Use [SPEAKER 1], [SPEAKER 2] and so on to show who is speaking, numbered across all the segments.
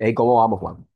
[SPEAKER 1] Ey, ¿cómo vamos, Juan?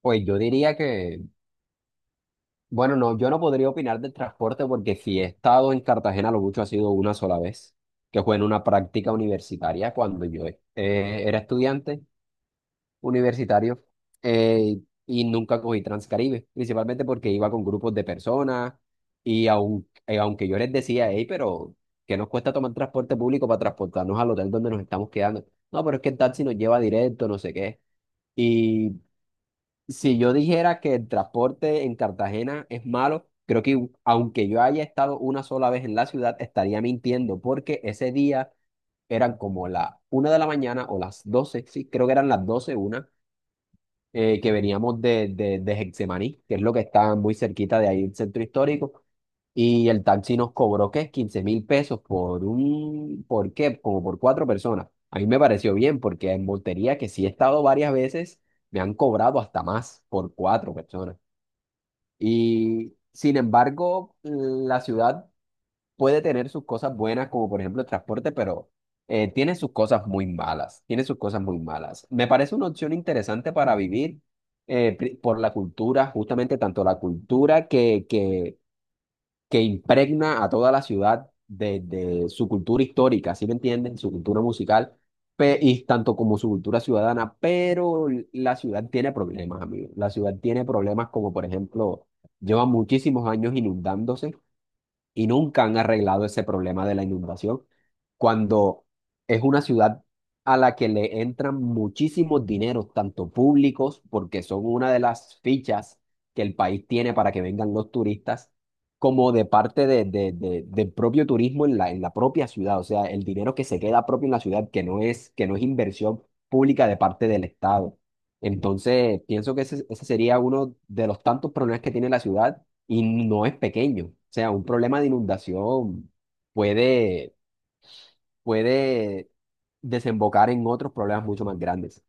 [SPEAKER 1] Pues yo diría que, bueno, no, yo no podría opinar del transporte porque si he estado en Cartagena, lo mucho ha sido una sola vez, que fue en una práctica universitaria cuando yo era estudiante universitario eh, y nunca cogí Transcaribe, principalmente porque iba con grupos de personas y aunque yo les decía, hey, pero ¿qué nos cuesta tomar transporte público para transportarnos al hotel donde nos estamos quedando? No, pero es que el taxi nos lleva directo, no sé qué. Si yo dijera que el transporte en Cartagena es malo, creo que aunque yo haya estado una sola vez en la ciudad, estaría mintiendo, porque ese día eran como la 1 de la mañana o las 12, sí, creo que eran las 12 una, que veníamos de Getsemaní, que es lo que está muy cerquita de ahí, el centro histórico, y el taxi nos cobró, ¿qué? 15.000 pesos por un, ¿por qué? Como por cuatro personas. A mí me pareció bien, porque en Montería, que sí he estado varias veces, me han cobrado hasta más por cuatro personas. Y sin embargo, la ciudad puede tener sus cosas buenas, como por ejemplo el transporte, pero tiene sus cosas muy malas, tiene sus cosas muy malas. Me parece una opción interesante para vivir por la cultura, justamente tanto la cultura que impregna a toda la ciudad de su cultura histórica, ¿sí me entienden? Su cultura musical. Y tanto como su cultura ciudadana, pero la ciudad tiene problemas, amigos. La ciudad tiene problemas como, por ejemplo, lleva muchísimos años inundándose y nunca han arreglado ese problema de la inundación, cuando es una ciudad a la que le entran muchísimos dineros, tanto públicos, porque son una de las fichas que el país tiene para que vengan los turistas, como de parte del propio turismo en la propia ciudad, o sea, el dinero que se queda propio en la ciudad, que no es inversión pública de parte del Estado. Entonces, pienso que ese sería uno de los tantos problemas que tiene la ciudad y no es pequeño. O sea, un problema de inundación puede, puede desembocar en otros problemas mucho más grandes.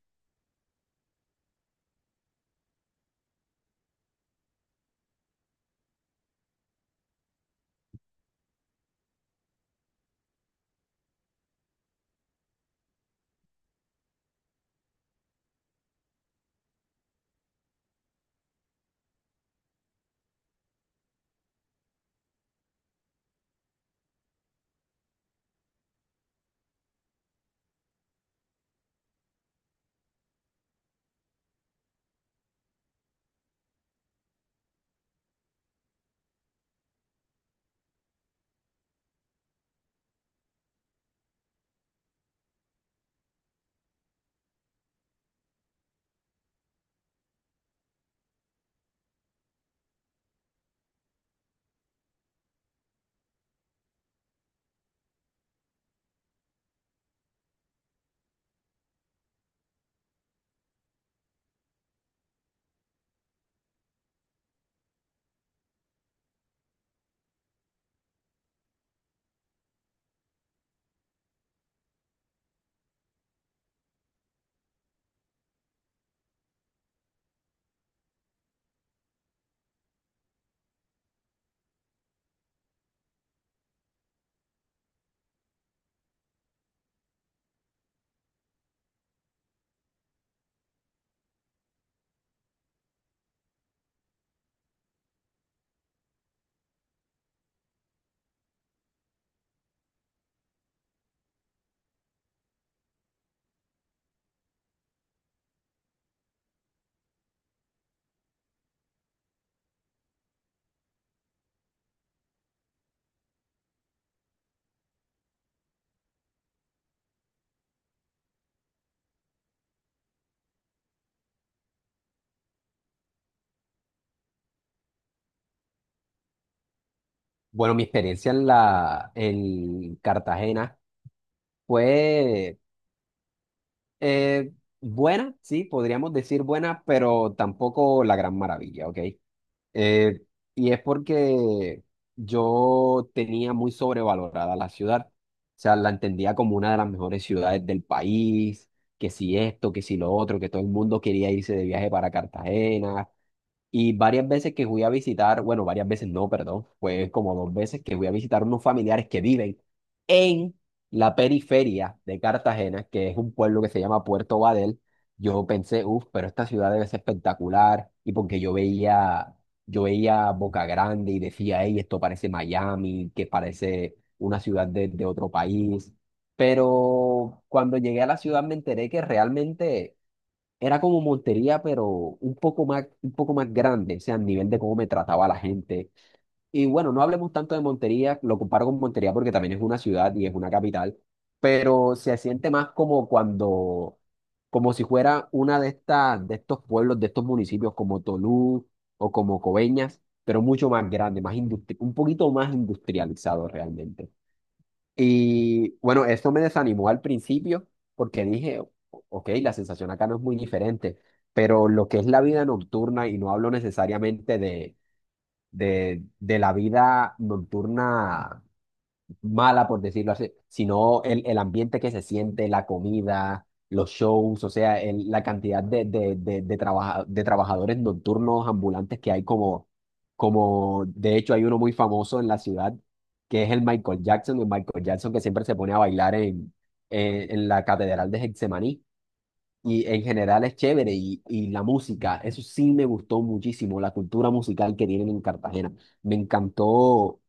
[SPEAKER 1] Bueno, mi experiencia en la, en Cartagena fue eh, buena, sí, podríamos decir buena, pero tampoco la gran maravilla, ¿ok? Eh, y es porque yo tenía muy sobrevalorada la ciudad. O sea, la entendía como una de las mejores ciudades del país, que si esto, que si lo otro, que todo el mundo quería irse de viaje para Cartagena, y varias veces que fui a visitar, bueno, varias veces no, perdón, fue como dos veces que fui a visitar unos familiares que viven en la periferia de Cartagena, que es un pueblo que se llama Puerto Badel. Yo pensé, uff, pero esta ciudad debe ser espectacular. Y porque yo veía Boca Grande y decía, hey, esto parece Miami, que parece una ciudad de otro país. Pero cuando llegué a la ciudad me enteré que realmente era como Montería, pero un poco más grande, o sea, a nivel de cómo me trataba la gente. Y bueno, no hablemos tanto de Montería, lo comparo con Montería porque también es una ciudad y es una capital, pero se siente más como cuando, como si fuera una de estas, de estos pueblos, de estos municipios como Tolú o como Coveñas, pero mucho más grande, más un poquito más industrializado realmente. Y bueno, esto me desanimó al principio porque dije, Ok, la sensación acá no es muy diferente, pero lo que es la vida nocturna, y no hablo necesariamente de, de la vida nocturna mala, por decirlo así, sino el ambiente que se siente, la comida, los shows, o sea, la cantidad de trabajadores nocturnos ambulantes que hay como, de hecho hay uno muy famoso en la ciudad, que es el Michael Jackson que siempre se pone a bailar en, en la Catedral de Getsemaní. Y en general es chévere y la música, eso sí me gustó muchísimo, la cultura musical que tienen en Cartagena. Me encantó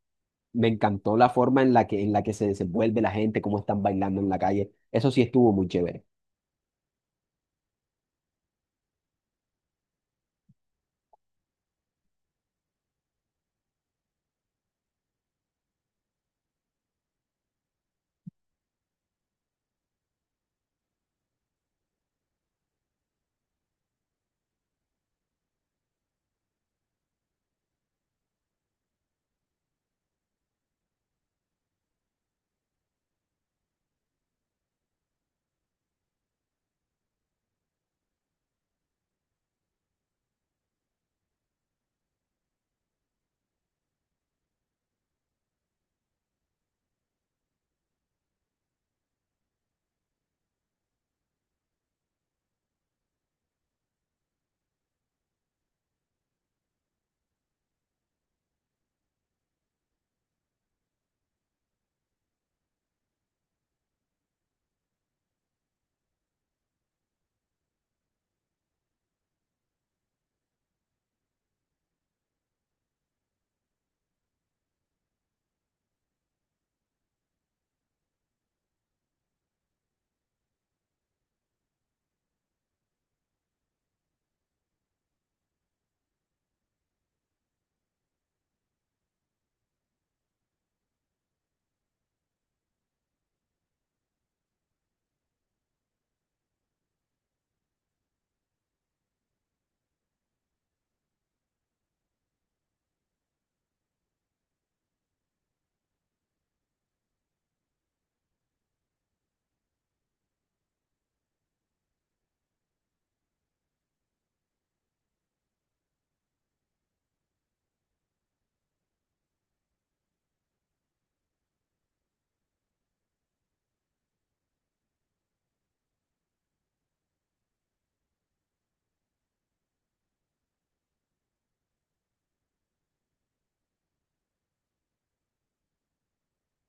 [SPEAKER 1] me encantó la forma en la que se desenvuelve la gente, cómo están bailando en la calle. Eso sí estuvo muy chévere.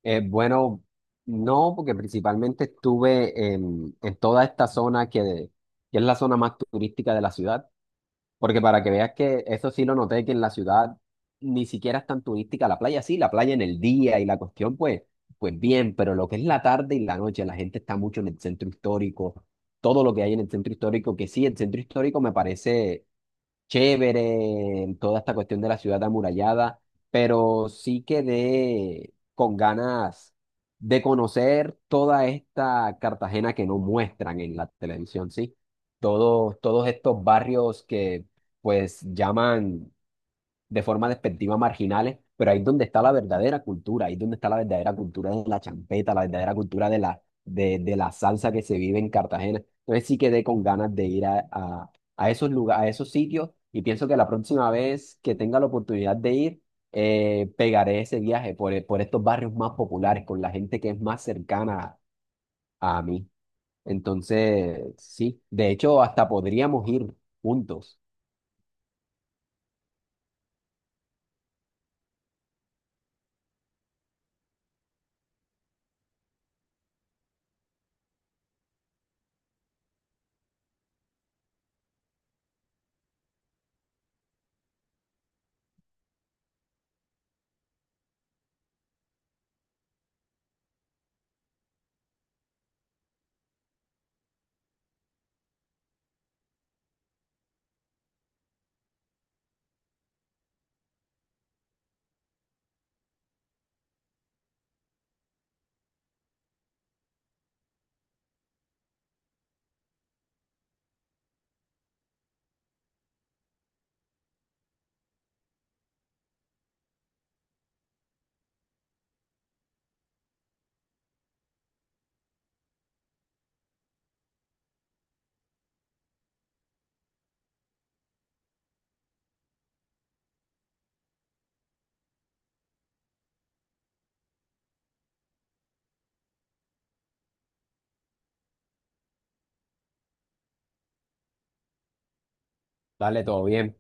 [SPEAKER 1] Bueno, no, porque principalmente estuve en toda esta zona que es la zona más turística de la ciudad. Porque para que veas que eso sí lo noté, que en la ciudad ni siquiera es tan turística la playa. Sí, la playa en el día y la cuestión, pues, bien, pero lo que es la tarde y la noche, la gente está mucho en el centro histórico. Todo lo que hay en el centro histórico, que sí, el centro histórico me parece chévere, en toda esta cuestión de la ciudad amurallada, pero sí quedé con ganas de conocer toda esta Cartagena que no muestran en la televisión, ¿sí? Todos estos barrios que pues llaman de forma despectiva marginales, pero ahí es donde está la verdadera cultura, ahí es donde está la verdadera cultura de la champeta, la verdadera cultura de la salsa que se vive en Cartagena. Entonces sí quedé con ganas de ir a esos lugares, a esos sitios y pienso que la próxima vez que tenga la oportunidad de ir, pegaré ese viaje por estos barrios más populares, con la gente que es más cercana a mí. Entonces, sí, de hecho, hasta podríamos ir juntos. Dale, todo bien.